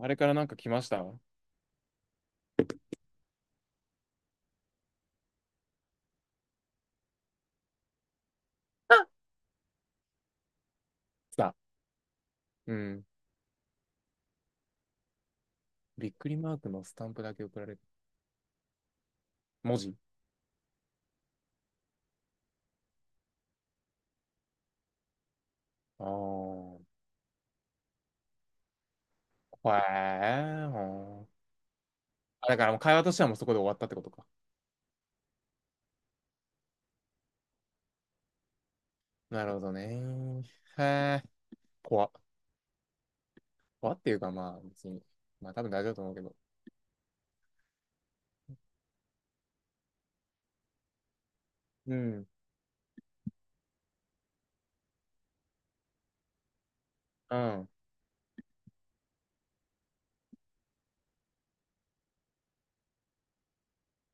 あれからなんか来ましたあ。来た。うん。びっくりマークのスタンプだけ送られる。文字。ああ、ほえー、ほー、あだからもう会話としてはもうそこで終わったってことか。なるほどね。へえ、怖っ。怖っていうかまあ別に。まあ多分大丈夫だと思うけど。うん。うん。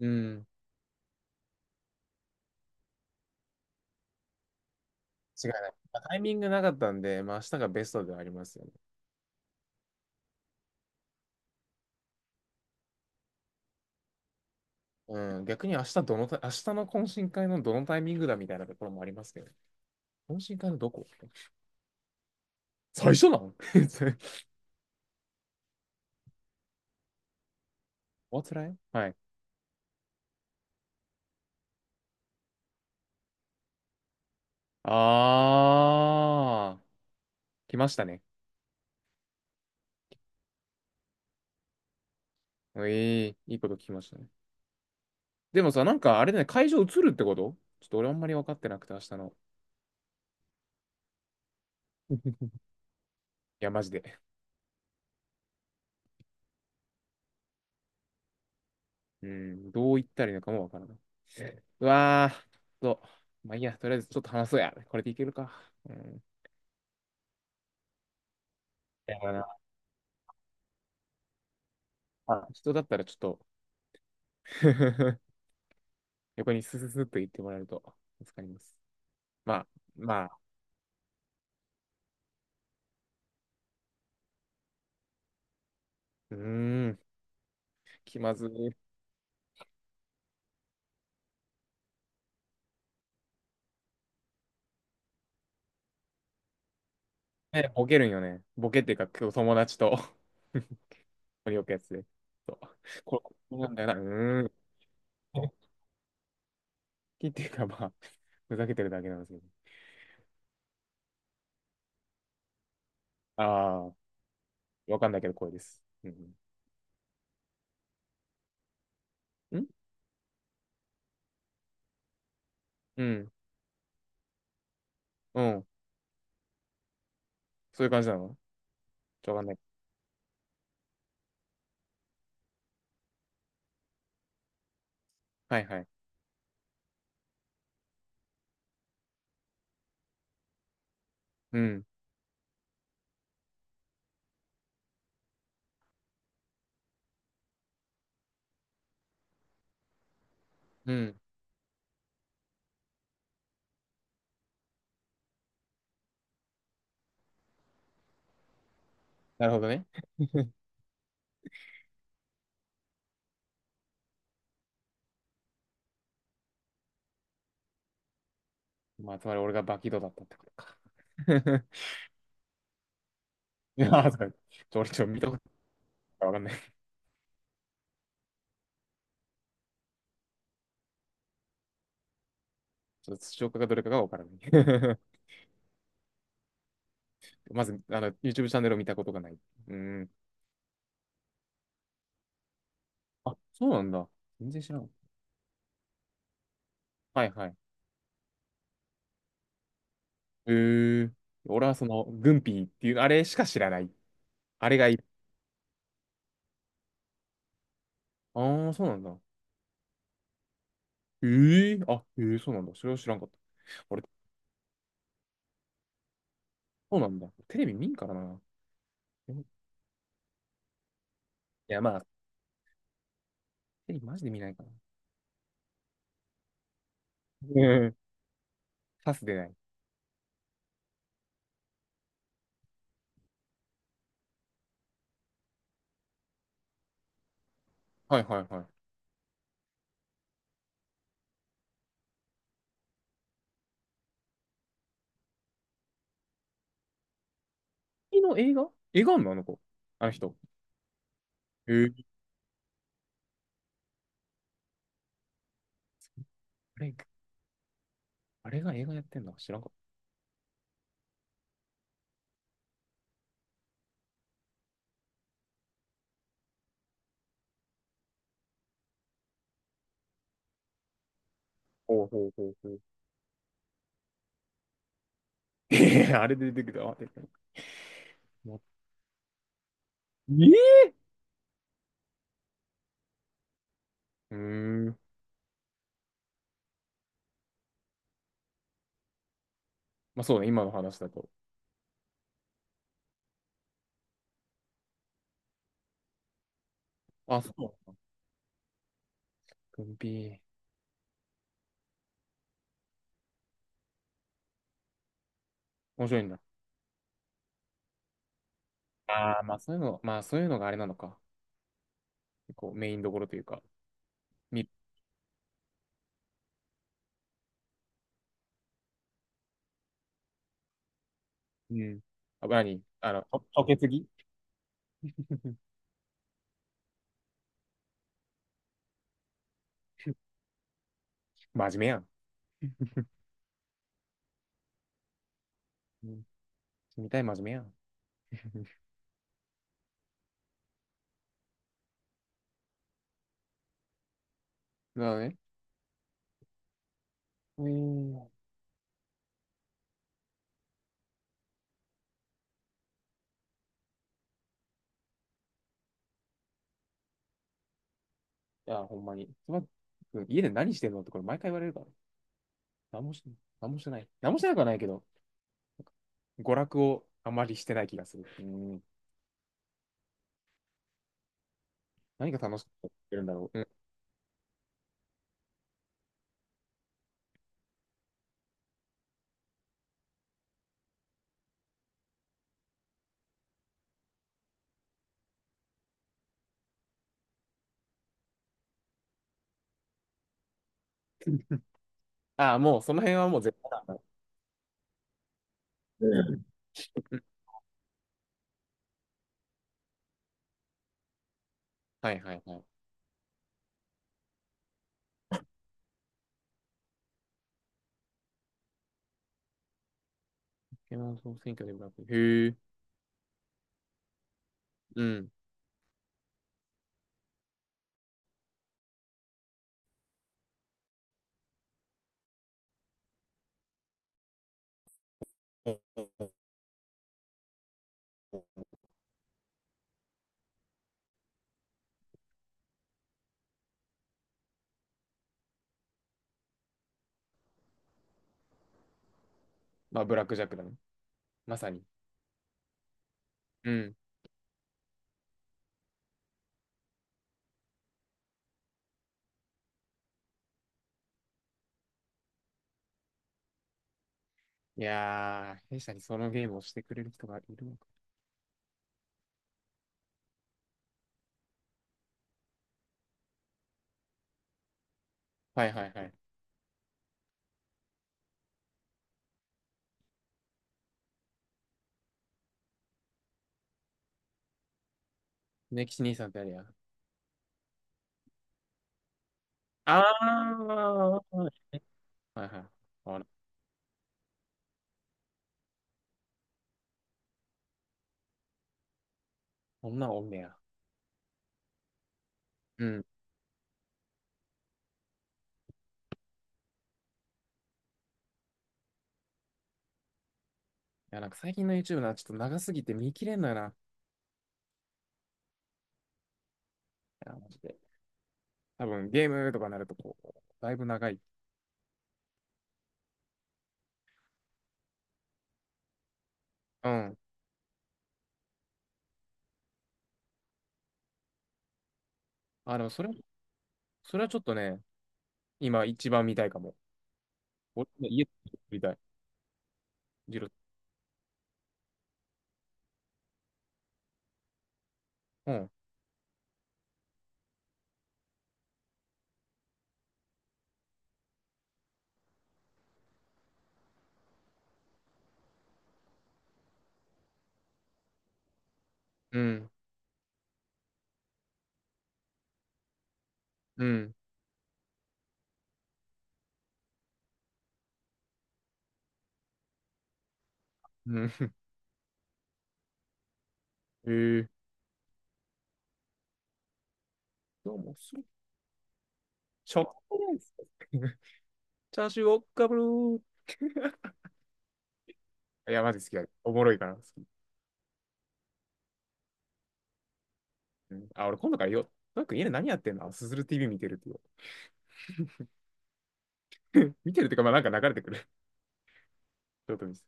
うん。違いない。まあタイミングなかったんで、まあ明日がベストではありますよね。うん。逆に明日どのタイ、明日の懇親会のどのタイミングだみたいなところもありますけど。懇親会のどこ。最初なの？ What's はい。あー、来ましたね。ええいいこと聞きましたね。でもさ、なんかあれだね、会場移るってことちょっと俺あんまり分かってなくて、明日の。いや、マジで。うん、どう言ったらいいのかも分からない。うわー、と、まあいいや、とりあえずちょっと話そうや。これでいけるか。うん。やばいな。あ、人だったらちょっと 横にスススッと言ってもらえると助かります。まあ、まあ、うーん、気まずい。えボケるんよね。ボケっていうか、今日友達と よくやつで。そう、これ、こうなんだよな。うーん。本気っていうか、まあ、ふざけてるだけなんですけど。ああ、わかんないけど、声です。うん。ん、うん。うん。そういう感じなの？ちょ、わかんない。はいはい。うん。うん。なるほどね。まあ、つまり俺がバキドだったってことか。いやー、そうちょ、俺ちょ、見たことないからわかんない。ちょっと、視聴かどれかがわからない。まず、あの、YouTube チャンネルを見たことがない。うん。あ、そうなんだ。全然知らん。はいはい。えー、俺はその、軍品っていう、あれしか知らない。あれがいい。ああ、そうなんだ。えー、あ、えー、そうなんだ。それは知らんかった。俺、そうなんだ。テレビ見んからな。いや、まあ、テレビマジで見ないからな。うん。パスでない。はいはいはい。の映画。映画あんのあの子。あの人。えー、あれ、あれが映画やってんの知らんかった。ほうほうほうほう。えー、あれで出てきた。あ、出てきた。もう、えー、うーん。まあそうね、今の話だと。あ、そう。軍ー、面白いんだ。ああ、まあそういうの、まあそういうのがあれなのか。こう、メインどころというか。み、うん。あ、何あの、と、とけすぎ 真面目やん。うん、見たい、真面目やん。なるほどね。えー、いや、ほんまに。つばくん家で何してんのってこれ毎回言われるから。何もして、何もしてない。何もしてなくはないけど、娯楽をあまりしてない気がする。うん。何が楽しくやってるんだろう。うん。ああ、もうその辺はもう絶対だ。うん、はいはいはい。ポケモン総選挙でもなく。へえ。うん。まあ、ブラックジャックだね。まさに。うん。いやー、弊社にそのゲームをしてくれる人がいるのか。はいはいはい。ネキシ兄さんってあれや。あー、はいはい。あら、こんなんおんねや。うん。いや、なんか最近の YouTube な、ちょっと長すぎて見切れんのよな。いや、マジで。多分ゲームとかなると、こう、だいぶ長い。うん。あ、のそれ、それはちょっとね、今一番見たいかも。俺、家で見たい。ジロ、うん。うん。うん。うん。えー。どうも、そう。しょっがないですか。チャーシューをかぶるー。いや、マジ好きだ。おもろいから好き。うん、あ、俺今度からよ。トラ君家で何やってんのすずる TV 見てるって言う 見てるってうか、まあなんか流れてくる。ちょっと見せ、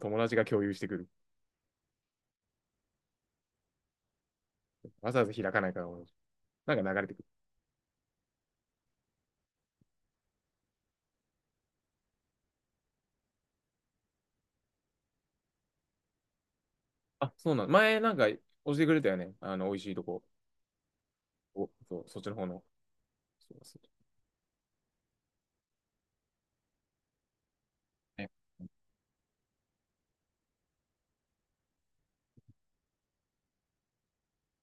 友達が共有してくる。わざわざ開かないから、なんか流れてくる。あ、そうなの。前なんか教えてくれたよね。あの、美味しいとこ。おそう、そっちの方の。そうそう、ね、